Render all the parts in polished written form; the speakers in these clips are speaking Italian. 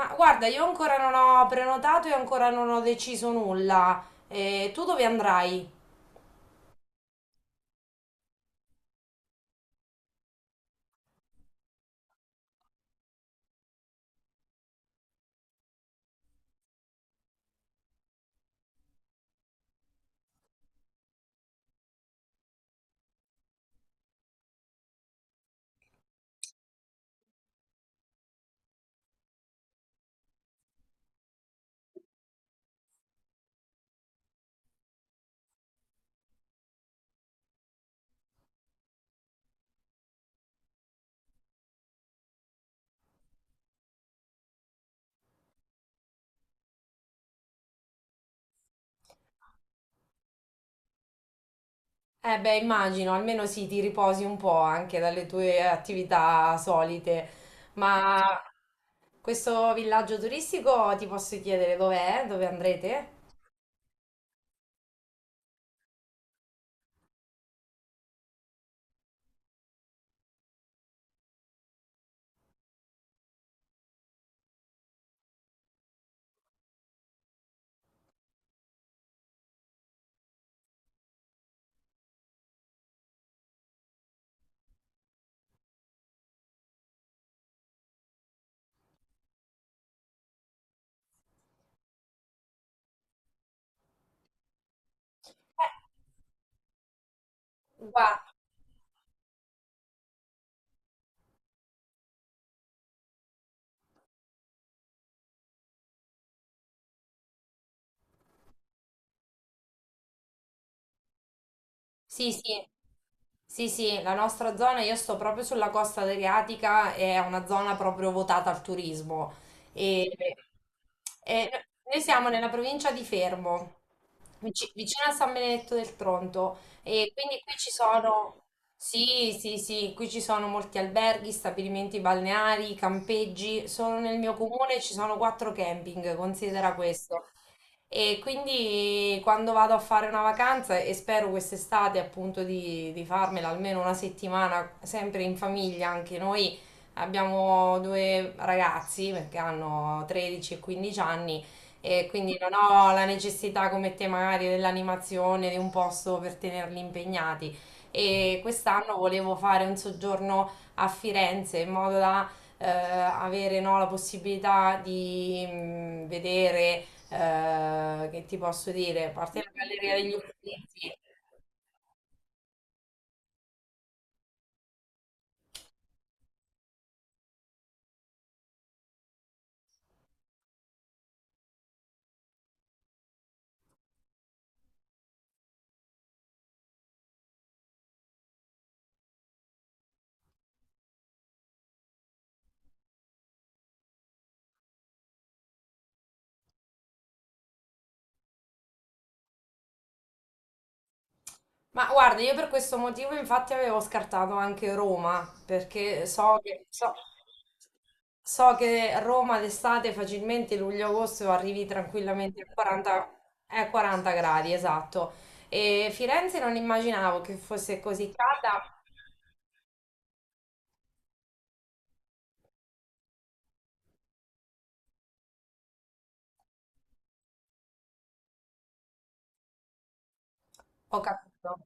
Ma guarda, io ancora non ho prenotato e ancora non ho deciso nulla. E tu dove andrai? Eh beh, immagino, almeno sì, ti riposi un po' anche dalle tue attività solite. Ma questo villaggio turistico ti posso chiedere dov'è? Dove andrete? Eh, guarda. Sì, sì. Sì, sì, la nostra zona, io sto proprio sulla costa adriatica, è una zona proprio votata al turismo. E, e noi siamo nella provincia di Fermo, vicino a San Benedetto del Tronto, e quindi qui ci sono, sì, sì, sì, qui ci sono molti alberghi, stabilimenti balneari, campeggi. Solo nel mio comune ci sono quattro camping, considera questo. E quindi quando vado a fare una vacanza e spero quest'estate appunto di farmela almeno una settimana, sempre in famiglia, anche noi abbiamo due ragazzi perché hanno 13 e 15 anni e quindi non ho la necessità come te magari dell'animazione, di un posto per tenerli impegnati. E quest'anno volevo fare un soggiorno a Firenze in modo da avere no, la possibilità di vedere che ti posso dire? A parte la Galleria degli Uffizi. Ma guarda, io per questo motivo infatti avevo scartato anche Roma, perché so che Roma d'estate facilmente luglio-agosto arrivi tranquillamente a 40, 40 gradi, esatto. E Firenze non immaginavo che fosse così calda, ho capito.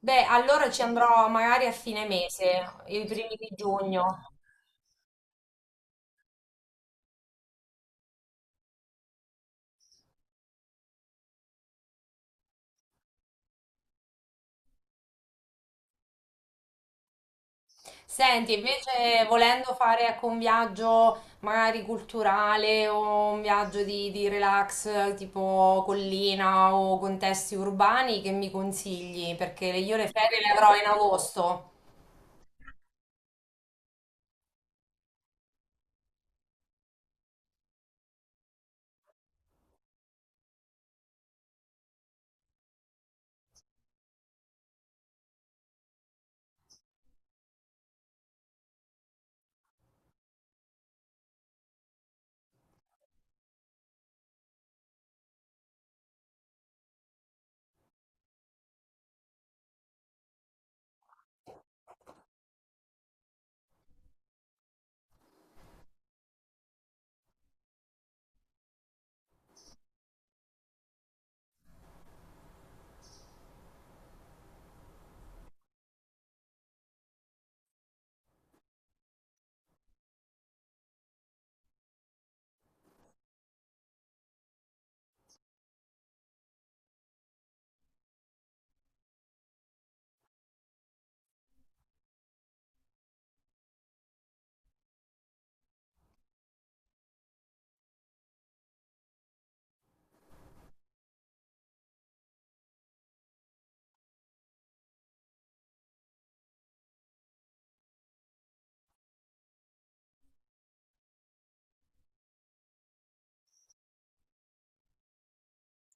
Beh, allora ci andrò magari a fine mese, i primi di giugno. Senti, invece volendo fare ecco, un viaggio magari culturale o un viaggio di relax tipo collina o contesti urbani, che mi consigli? Perché io le ferie le avrò in agosto.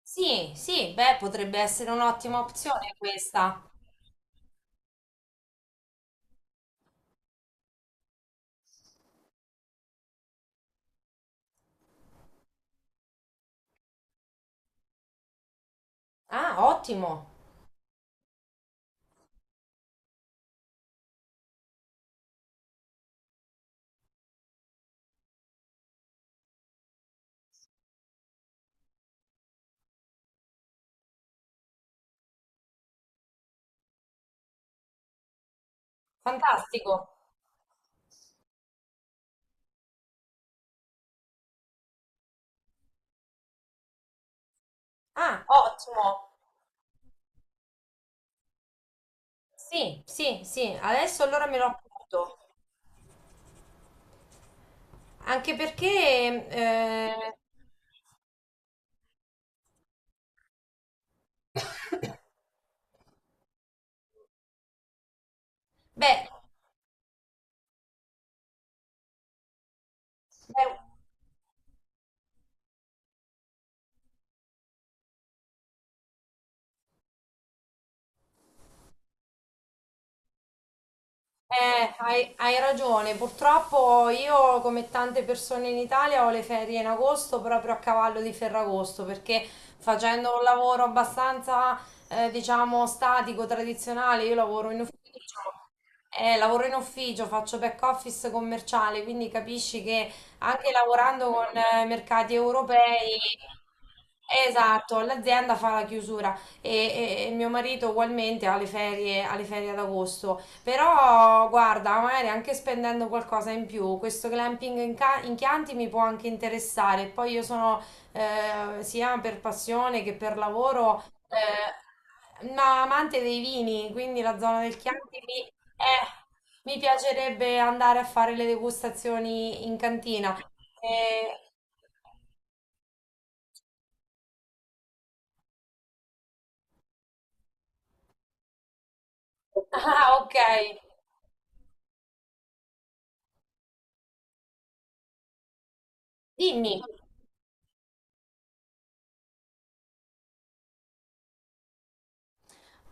Sì, sì, beh, potrebbe essere un'ottima opzione questa. Ah, ottimo, fantastico. Ah, ottimo. Sì, sì, sì, adesso allora me lo appunto. Anche perché... eh, Beh. Beh. Hai ragione, purtroppo io come tante persone in Italia ho le ferie in agosto proprio a cavallo di Ferragosto perché facendo un lavoro abbastanza diciamo statico, tradizionale, io lavoro in ufficio, diciamo, faccio back office commerciale, quindi capisci che anche lavorando con mercati europei. Esatto, l'azienda fa la chiusura e mio marito ugualmente ha le ferie ad agosto. Però guarda, magari anche spendendo qualcosa in più, questo glamping in Chianti mi può anche interessare. Poi io sono sia per passione che per lavoro ma amante dei vini, quindi la zona del Chianti mi piacerebbe andare a fare le degustazioni in cantina. Eh, ah, ok, dimmi.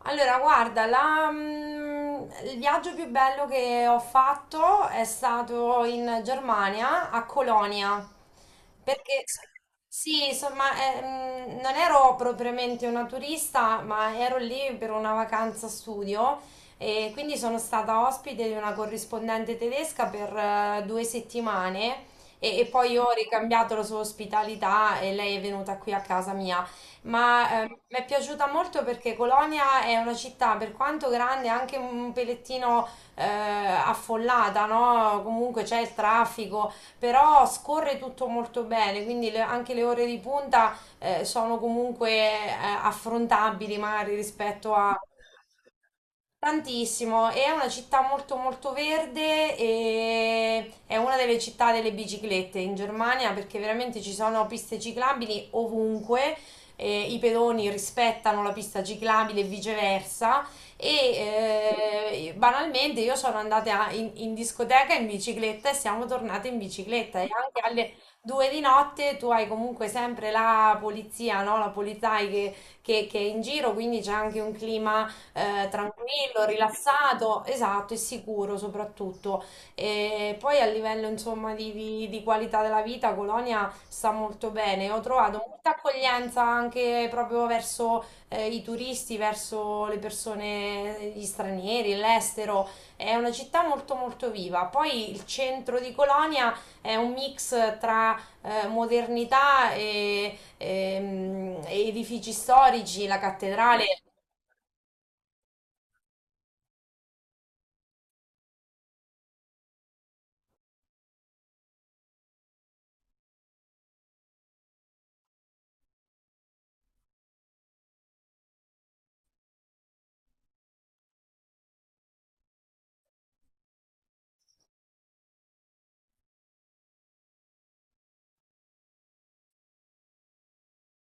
Allora, guarda, il viaggio più bello che ho fatto è stato in Germania, a Colonia, perché sì, insomma, non ero propriamente una turista, ma ero lì per una vacanza studio e quindi sono stata ospite di una corrispondente tedesca per 2 settimane e poi ho ricambiato la sua ospitalità e lei è venuta qui a casa mia ma mi è piaciuta molto perché Colonia è una città, per quanto grande, anche un pelettino affollata, no? Comunque c'è il traffico, però scorre tutto molto bene, quindi anche le ore di punta sono comunque affrontabili magari rispetto a. Tantissimo, è una città molto molto verde e è una delle città delle biciclette in Germania perché veramente ci sono piste ciclabili ovunque, i pedoni rispettano la pista ciclabile e viceversa e banalmente io sono andata in discoteca in bicicletta e siamo tornate in bicicletta e anche alle 2 di notte tu hai comunque sempre la polizia, no? La Polizei che è in giro, quindi c'è anche un clima tranquillo, rilassato, esatto, e sicuro soprattutto. E poi a livello insomma di qualità della vita, Colonia sta molto bene. Ho trovato molta accoglienza anche proprio verso i turisti, verso le persone, gli stranieri, l'estero. È una città molto molto viva. Poi il centro di Colonia è un mix tra modernità e edifici storici, la cattedrale.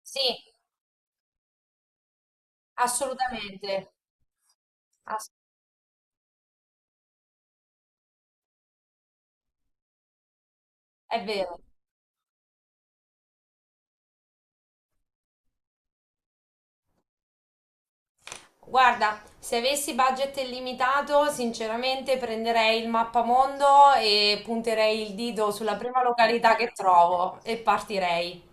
Sì. Assolutamente. Ass- È vero. Guarda, se avessi budget illimitato, sinceramente prenderei il mappamondo e punterei il dito sulla prima località che trovo e partirei.